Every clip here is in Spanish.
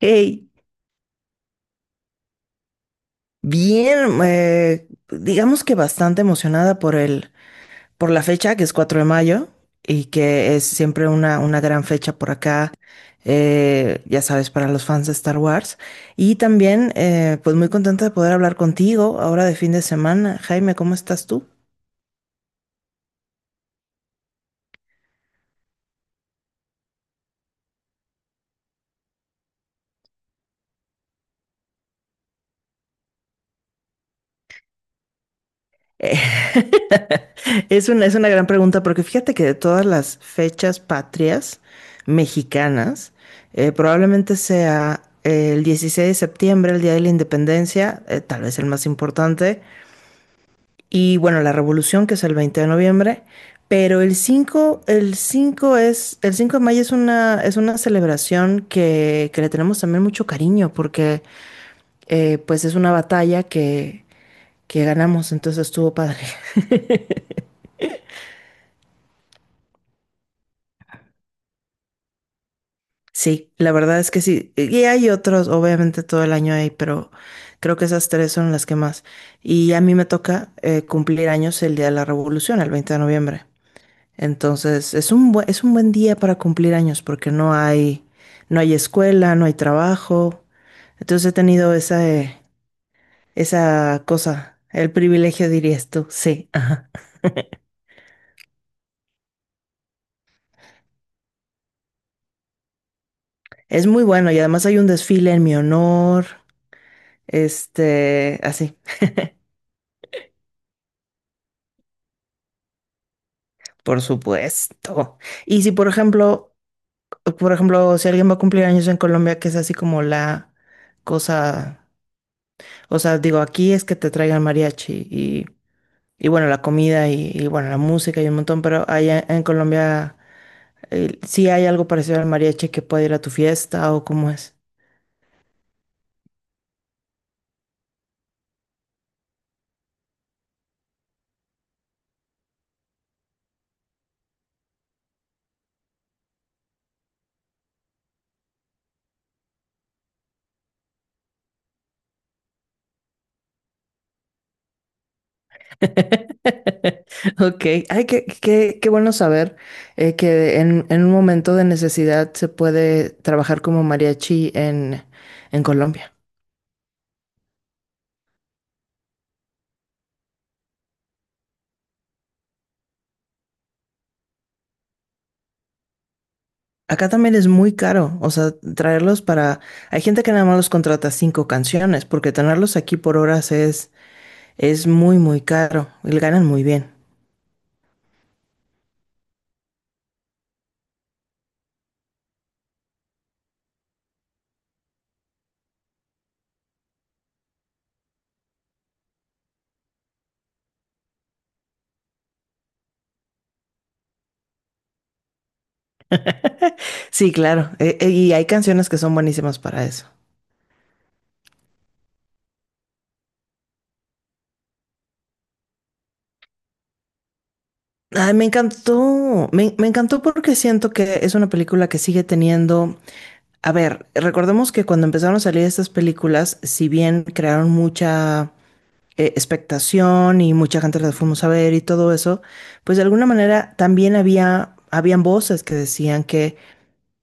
Hey, bien, digamos que bastante emocionada por por la fecha, que es 4 de mayo, y que es siempre una gran fecha por acá, ya sabes, para los fans de Star Wars. Y también, pues muy contenta de poder hablar contigo ahora de fin de semana. Jaime, ¿cómo estás tú? Eh, es una gran pregunta porque fíjate que de todas las fechas patrias mexicanas, probablemente sea el 16 de septiembre, el Día de la Independencia, tal vez el más importante, y bueno, la Revolución, que es el 20 de noviembre, pero el 5 de mayo es una celebración que le tenemos también mucho cariño porque pues es una batalla que ganamos, entonces estuvo padre. Sí, la verdad es que sí. Y hay otros, obviamente todo el año hay, pero creo que esas tres son las que más. Y a mí me toca cumplir años el día de la Revolución, el 20 de noviembre. Entonces, es un buen día para cumplir años porque no hay escuela, no hay trabajo. Entonces he tenido esa cosa, el privilegio, dirías tú. Sí, ajá. Es muy bueno y además hay un desfile en mi honor. Este, así. Por supuesto. Y si, por ejemplo, si alguien va a cumplir años en Colombia, que es así como la cosa, o sea, digo, aquí es que te traigan mariachi y bueno, la comida y bueno, la música y un montón, pero allá en Colombia, sí hay algo parecido al mariachi que puede ir a tu fiesta o cómo es. Ok, ay, qué bueno saber que en un momento de necesidad se puede trabajar como mariachi en Colombia. Acá también es muy caro, o sea, traerlos para. Hay gente que nada más los contrata cinco canciones, porque tenerlos aquí por horas es muy, muy caro. Y ganan muy bien. Sí, claro. Y hay canciones que son buenísimas para eso. Ay, me encantó. Me encantó porque siento que es una película que sigue teniendo. A ver, recordemos que cuando empezaron a salir estas películas, si bien crearon mucha expectación y mucha gente las fuimos a ver y todo eso, pues de alguna manera también había, habían voces que decían que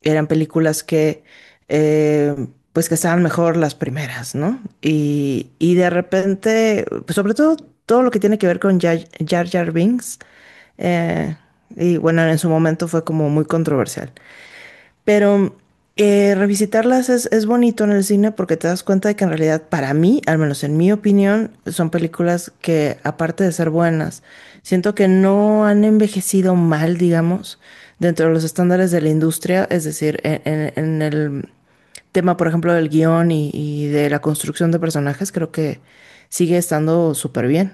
eran películas eh, pues que estaban mejor las primeras, ¿no? Y de repente, pues sobre todo lo que tiene que ver con Jar Jar, Jar Binks, eh, y bueno, en su momento fue como muy controversial. Pero revisitarlas es bonito en el cine porque te das cuenta de que en realidad para mí, al menos en mi opinión, son películas que aparte de ser buenas, siento que no han envejecido mal, digamos, dentro de los estándares de la industria, es decir, en el tema, por ejemplo, del guión y de la construcción de personajes, creo que sigue estando súper bien.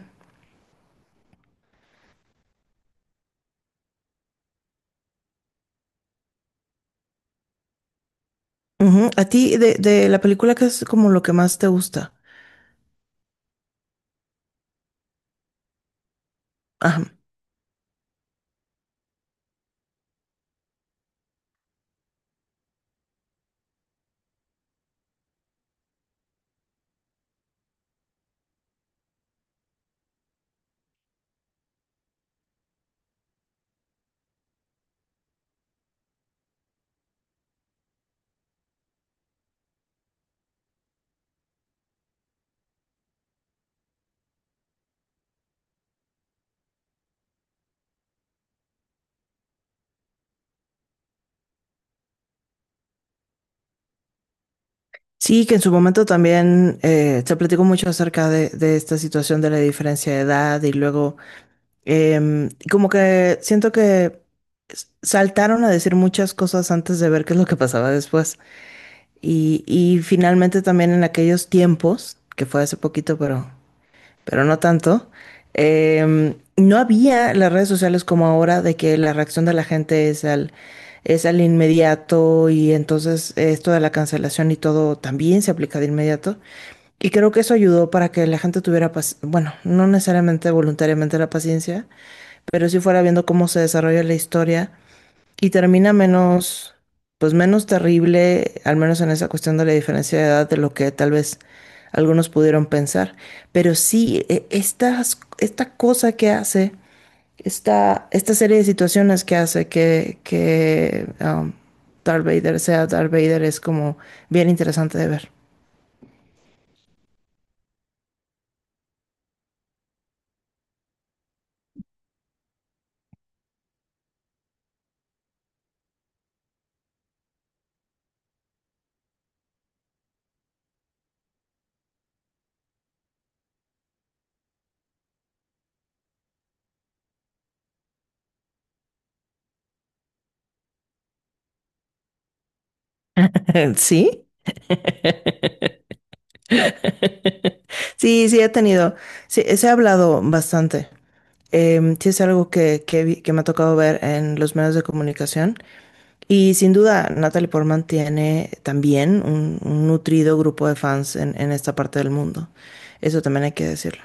Ujú. A ti, de la película, ¿qué es como lo que más te gusta? Ajá. Sí, que en su momento también se platicó mucho acerca de esta situación de la diferencia de edad y luego como que siento que saltaron a decir muchas cosas antes de ver qué es lo que pasaba después. Y finalmente también en aquellos tiempos, que fue hace poquito, pero no tanto, no había las redes sociales como ahora de que la reacción de la gente es al inmediato y entonces esto de la cancelación y todo también se aplica de inmediato. Y creo que eso ayudó para que la gente tuviera, bueno, no necesariamente voluntariamente la paciencia, pero sí fuera viendo cómo se desarrolla la historia y termina menos, pues menos terrible, al menos en esa cuestión de la diferencia de edad de lo que tal vez algunos pudieron pensar. Pero sí, esta cosa que hace, esta serie de situaciones que hace que Darth Vader sea Darth Vader es como bien interesante de ver. ¿Sí? Sí, sí, he tenido, sí, se ha hablado bastante. Sí, es algo que me ha tocado ver en los medios de comunicación. Y sin duda, Natalie Portman tiene también un nutrido grupo de fans en esta parte del mundo. Eso también hay que decirlo.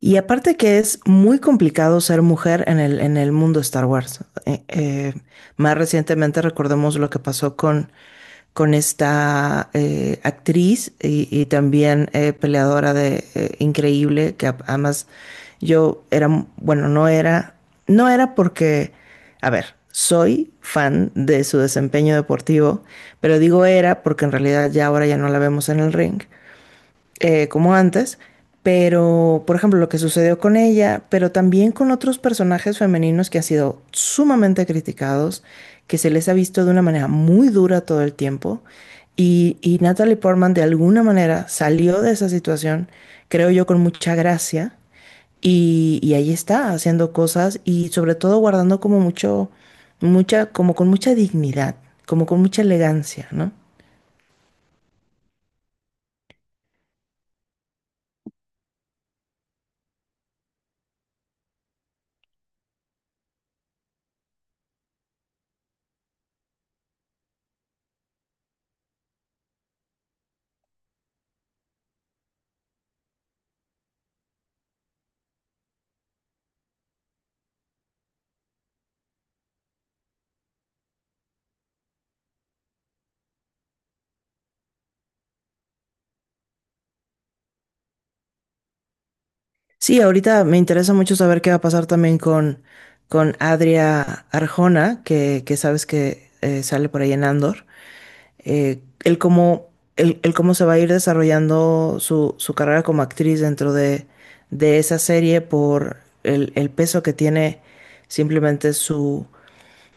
Y aparte que es muy complicado ser mujer en el mundo Star Wars. Más recientemente recordemos lo que pasó con esta actriz y también peleadora de increíble, que además yo era, bueno, no era porque, a ver, soy fan de su desempeño deportivo, pero digo era porque en realidad ya ahora ya no la vemos en el ring como antes, pero por ejemplo lo que sucedió con ella, pero también con otros personajes femeninos que han sido sumamente criticados, que se les ha visto de una manera muy dura todo el tiempo, y Natalie Portman de alguna manera salió de esa situación, creo yo, con mucha gracia, y ahí está haciendo cosas y sobre todo guardando como mucho, mucha, como con mucha dignidad, como con mucha elegancia, ¿no? Sí, ahorita me interesa mucho saber qué va a pasar también con Adria Arjona, que sabes que sale por ahí en Andor. Eh, el cómo, el cómo se va a ir desarrollando su carrera como actriz dentro de esa serie por el peso que tiene simplemente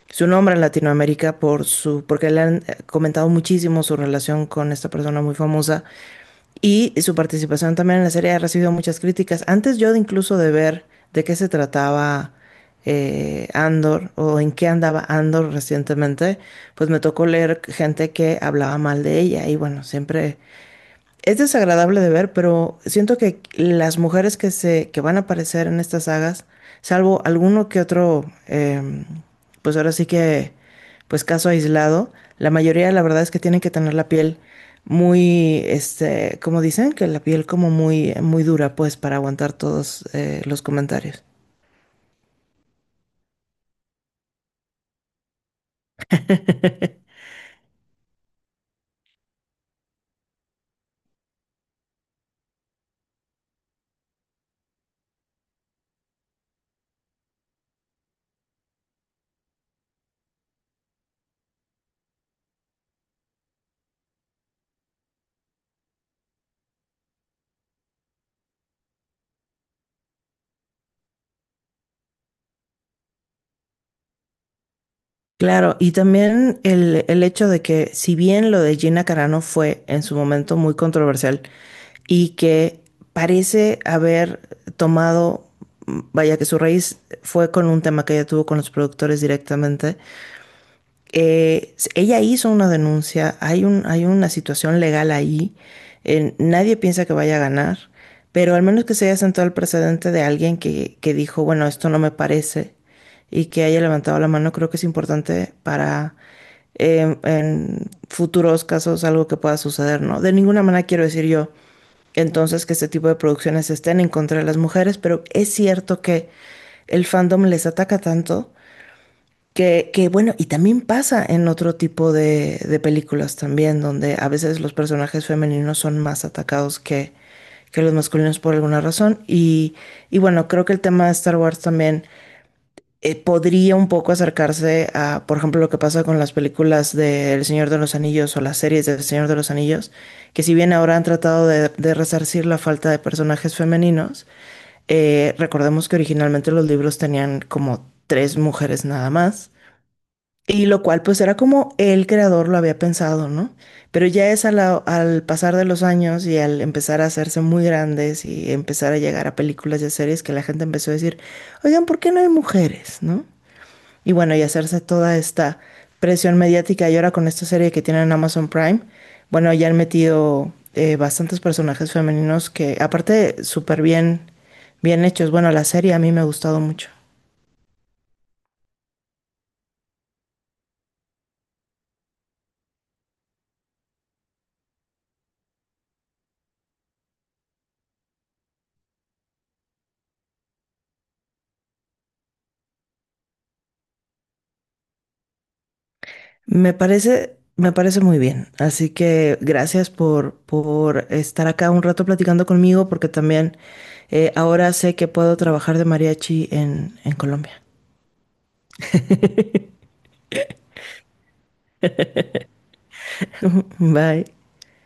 su nombre en Latinoamérica, por porque le han comentado muchísimo su relación con esta persona muy famosa y su participación también en la serie ha recibido muchas críticas. Antes yo de incluso de ver de qué se trataba Andor o en qué andaba Andor recientemente, pues me tocó leer gente que hablaba mal de ella. Y bueno, siempre es desagradable de ver, pero siento que las mujeres que se, que van a aparecer en estas sagas, salvo alguno que otro, pues ahora sí que, pues caso aislado, la mayoría la verdad es que tienen que tener la piel muy, este, como dicen, que la piel como muy, muy dura, pues, para aguantar todos los comentarios. Claro, y también el hecho de que si bien lo de Gina Carano fue en su momento muy controversial y que parece haber tomado, vaya que su raíz fue con un tema que ella tuvo con los productores directamente, ella hizo una denuncia, hay un, hay una situación legal ahí, nadie piensa que vaya a ganar, pero al menos que se haya sentado el precedente de alguien que dijo, bueno, esto no me parece, y que haya levantado la mano, creo que es importante para en futuros casos algo que pueda suceder, ¿no? De ninguna manera quiero decir yo entonces que este tipo de producciones estén en contra de las mujeres, pero es cierto que el fandom les ataca tanto que, bueno, y también pasa en otro tipo de películas también, donde a veces los personajes femeninos son más atacados que los masculinos por alguna razón. Y bueno, creo que el tema de Star Wars también podría un poco acercarse a, por ejemplo, lo que pasa con las películas de El Señor de los Anillos o las series de El Señor de los Anillos, que si bien ahora han tratado de resarcir la falta de personajes femeninos, recordemos que originalmente los libros tenían como tres mujeres nada más. Y lo cual pues era como el creador lo había pensado, ¿no? Pero ya es al pasar de los años y al empezar a hacerse muy grandes y empezar a llegar a películas y a series que la gente empezó a decir, oigan, ¿por qué no hay mujeres, no? Y bueno, y hacerse toda esta presión mediática y ahora con esta serie que tienen en Amazon Prime, bueno, ya han metido bastantes personajes femeninos que aparte súper bien, bien hechos. Bueno, la serie a mí me ha gustado mucho. Me parece muy bien. Así que gracias por estar acá un rato platicando conmigo, porque también ahora sé que puedo trabajar de mariachi en Colombia. Bye.